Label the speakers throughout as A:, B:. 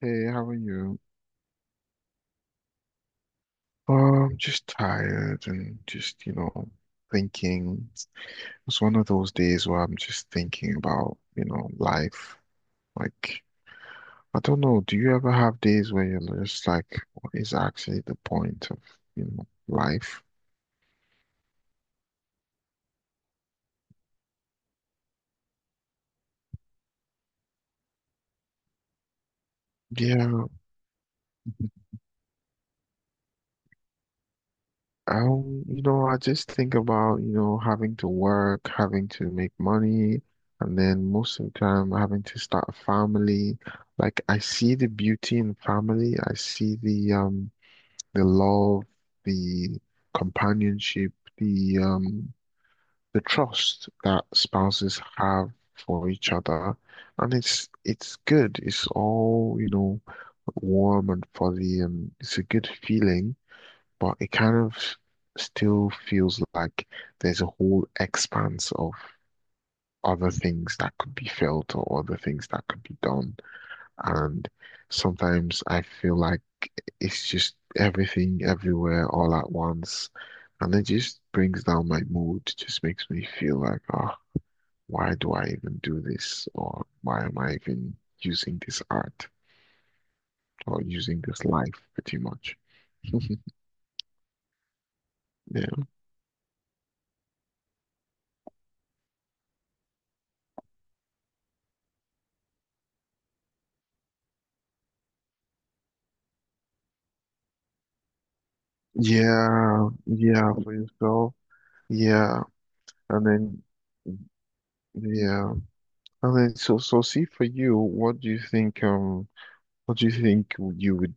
A: Hey, how are you? Just tired and just, you know, thinking. It's one of those days where I'm just thinking about, you know, life. Like, I don't know, do you ever have days where you're just like, what is actually the point of, you know, life? Yeah. You know, I just think about, you know, having to work, having to make money, and then most of the time having to start a family. Like I see the beauty in family. I see the love, the companionship, the trust that spouses have for each other. And it's good. It's all, you know, warm and fuzzy and it's a good feeling, but it kind of still feels like there's a whole expanse of other things that could be felt or other things that could be done. And sometimes I feel like it's just everything, everywhere, all at once. And it just brings down my mood, just makes me feel like, oh, why do I even do this? Or why am I even using this art or using this life pretty much? Yeah. Yeah, yeah, for yourself. Yeah, and then yeah, and then so see for you, what do you think what do you think you would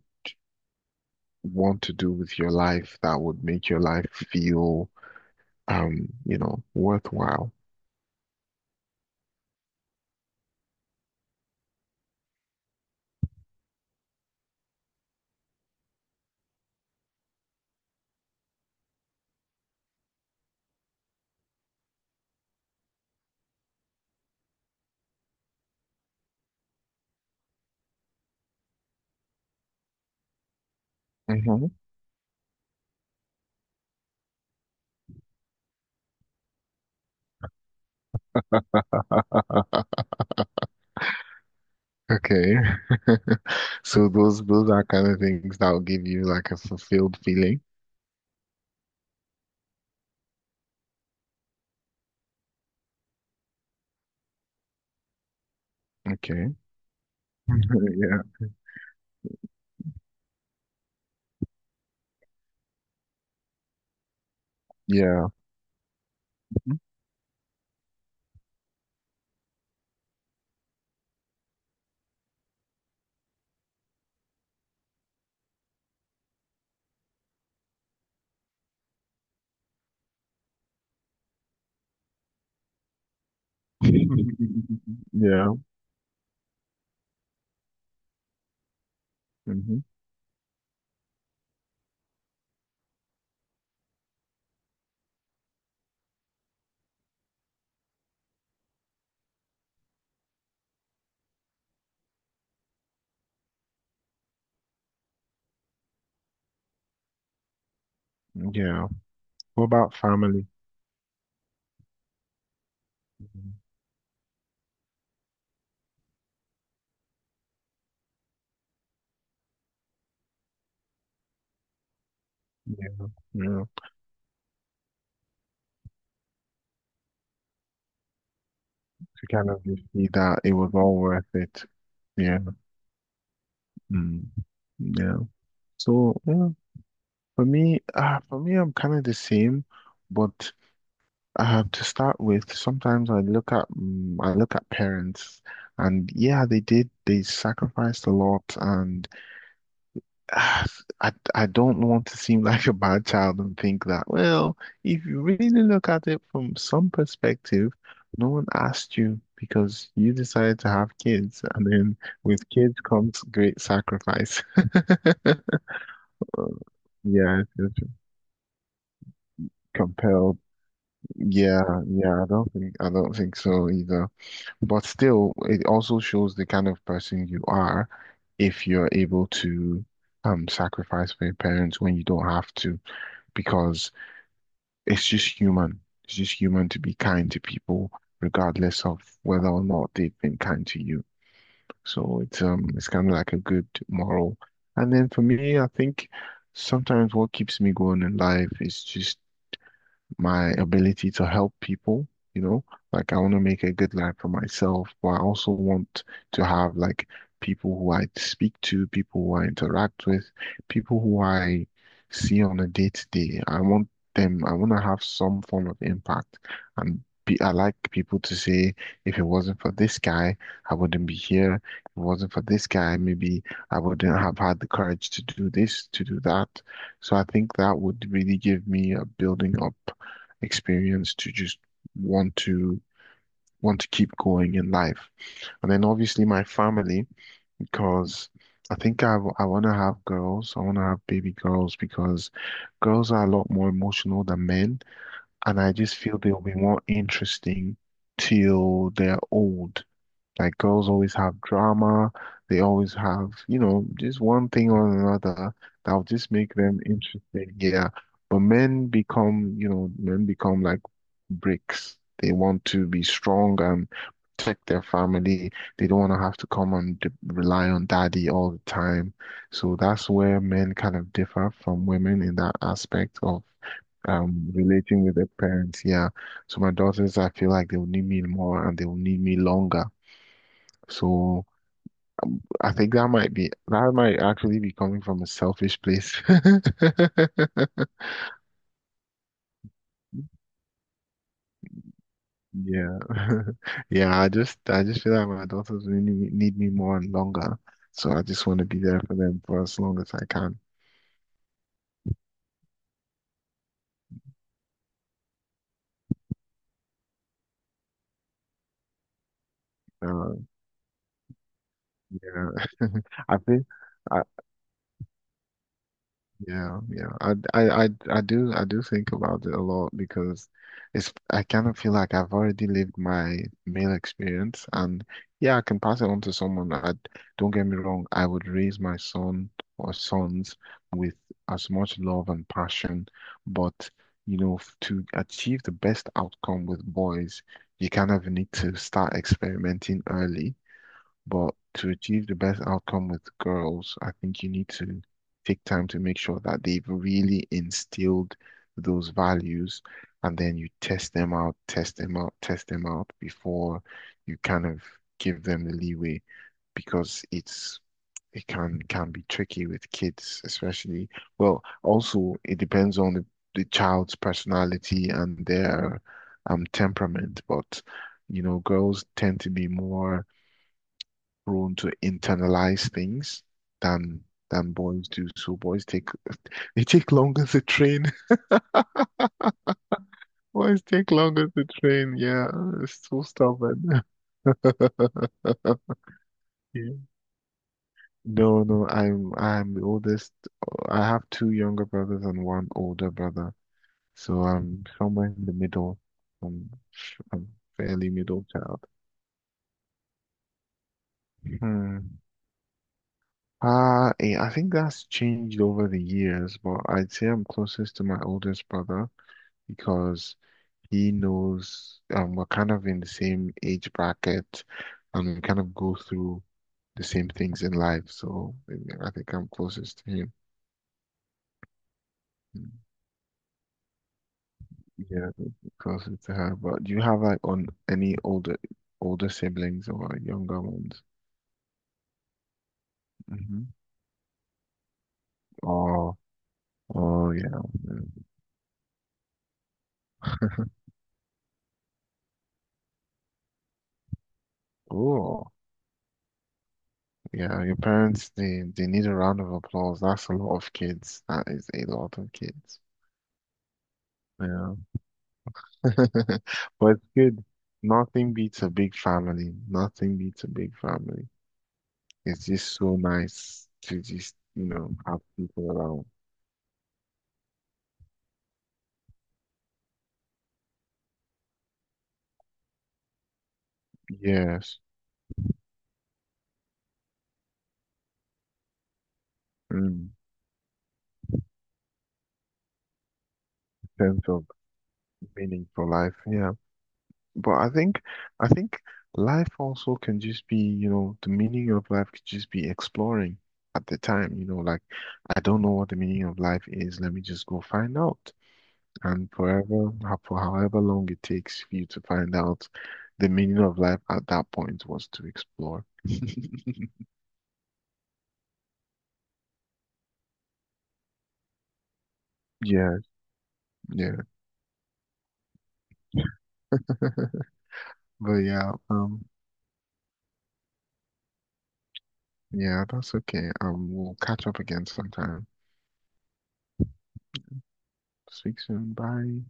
A: want to do with your life that would make your life feel you know worthwhile? Hmm. Okay, so those are kind of things that will give you like a fulfilled feeling. Okay, yeah, yeah, yeah, hmm, yeah. What about family? Mhm. Yeah, yeah. To kind of see that it was all worth it. Yeah. Mm. Yeah. So yeah, for me, I'm kind of the same, but to start with, sometimes I look at I look at parents, and yeah, they did they sacrificed a lot, and I don't want to seem like a bad child and think that, well, if you really look at it from some perspective, no one asked you because you decided to have kids, and then with kids comes great sacrifice. Uh, Yeah, it's just compelled. Yeah, yeah, I don't think so either. But still, it also shows the kind of person you are if you're able to sacrifice for your parents when you don't have to, because it's just human. It's just human to be kind to people, regardless of whether or not they've been kind to you. So it's kind of like a good moral. And then for me, I think sometimes what keeps me going in life is just my ability to help people, you know, like I want to make a good life for myself, but I also want to have like people who I speak to, people who I interact with, people who I see on a day to day. I want them, I want to have some form of impact. And be, I like people to say, if it wasn't for this guy, I wouldn't be here. If it wasn't for this guy, maybe I wouldn't have had the courage to do this, to do that. So I think that would really give me a building up experience to just want to want to keep going in life. And then obviously my family, because I think I want to have girls. I want to have baby girls because girls are a lot more emotional than men, and I just feel they'll be more interesting till they're old. Like girls always have drama, they always have, you know, just one thing or another that'll just make them interesting. Yeah. But men become, you know, men become like bricks. They want to be strong and protect their family. They don't want to have to come and de rely on daddy all the time. So that's where men kind of differ from women in that aspect of relating with their parents. Yeah. So my daughters, I feel like they will need me more and they will need me longer. So I think that might be, that might actually be coming from a selfish place. Yeah. Yeah, I just feel like my daughters really need me more and longer. So I just want to be there for them for as long as I can. Uh, yeah. I feel. Yeah, yeah. I do think about it a lot because it's, I kind of feel like I've already lived my male experience and yeah, I can pass it on to someone. I don't get me wrong, I would raise my son or sons with as much love and passion, but you know, to achieve the best outcome with boys, you kind of need to start experimenting early, but to achieve the best outcome with girls, I think you need to take time to make sure that they've really instilled those values, and then you test them out, test them out, test them out before you kind of give them the leeway because it's, it can be tricky with kids, especially. Well, also it depends on the child's personality and their temperament, but you know, girls tend to be more prone to internalize things than boys do. So boys take, they take longer to train. Boys take longer to train. Yeah, it's so stubborn. Yeah. No, no, I'm the oldest. I have two younger brothers and one older brother. So I'm somewhere in the middle. I'm, I'm Fairly middle child. Hmm. I think that's changed over the years, but I'd say I'm closest to my oldest brother because he knows we're kind of in the same age bracket and we kind of go through the same things in life. So I think I'm closest to him. Mm. Yeah, closer to her. But do you have like on any older siblings or younger ones? Hmm. Oh, oh yeah. Oh, yeah. Your parents, they need a round of applause. That's a lot of kids. That is a lot of kids. Yeah. But it's good. Nothing beats a big family. Nothing beats a big family. It's just so nice to just, you know, have people around. Yes. Mm. Sense of meaning for life. Yeah. But I think, I think life also can just be, you know, the meaning of life could just be exploring at the time, you know, like, I don't know what the meaning of life is. Let me just go find out. And forever, for however long it takes for you to find out, the meaning of life at that point was to explore. Yeah, yeah. But yeah, yeah, that's okay. We'll catch up again sometime. Speak soon. Bye.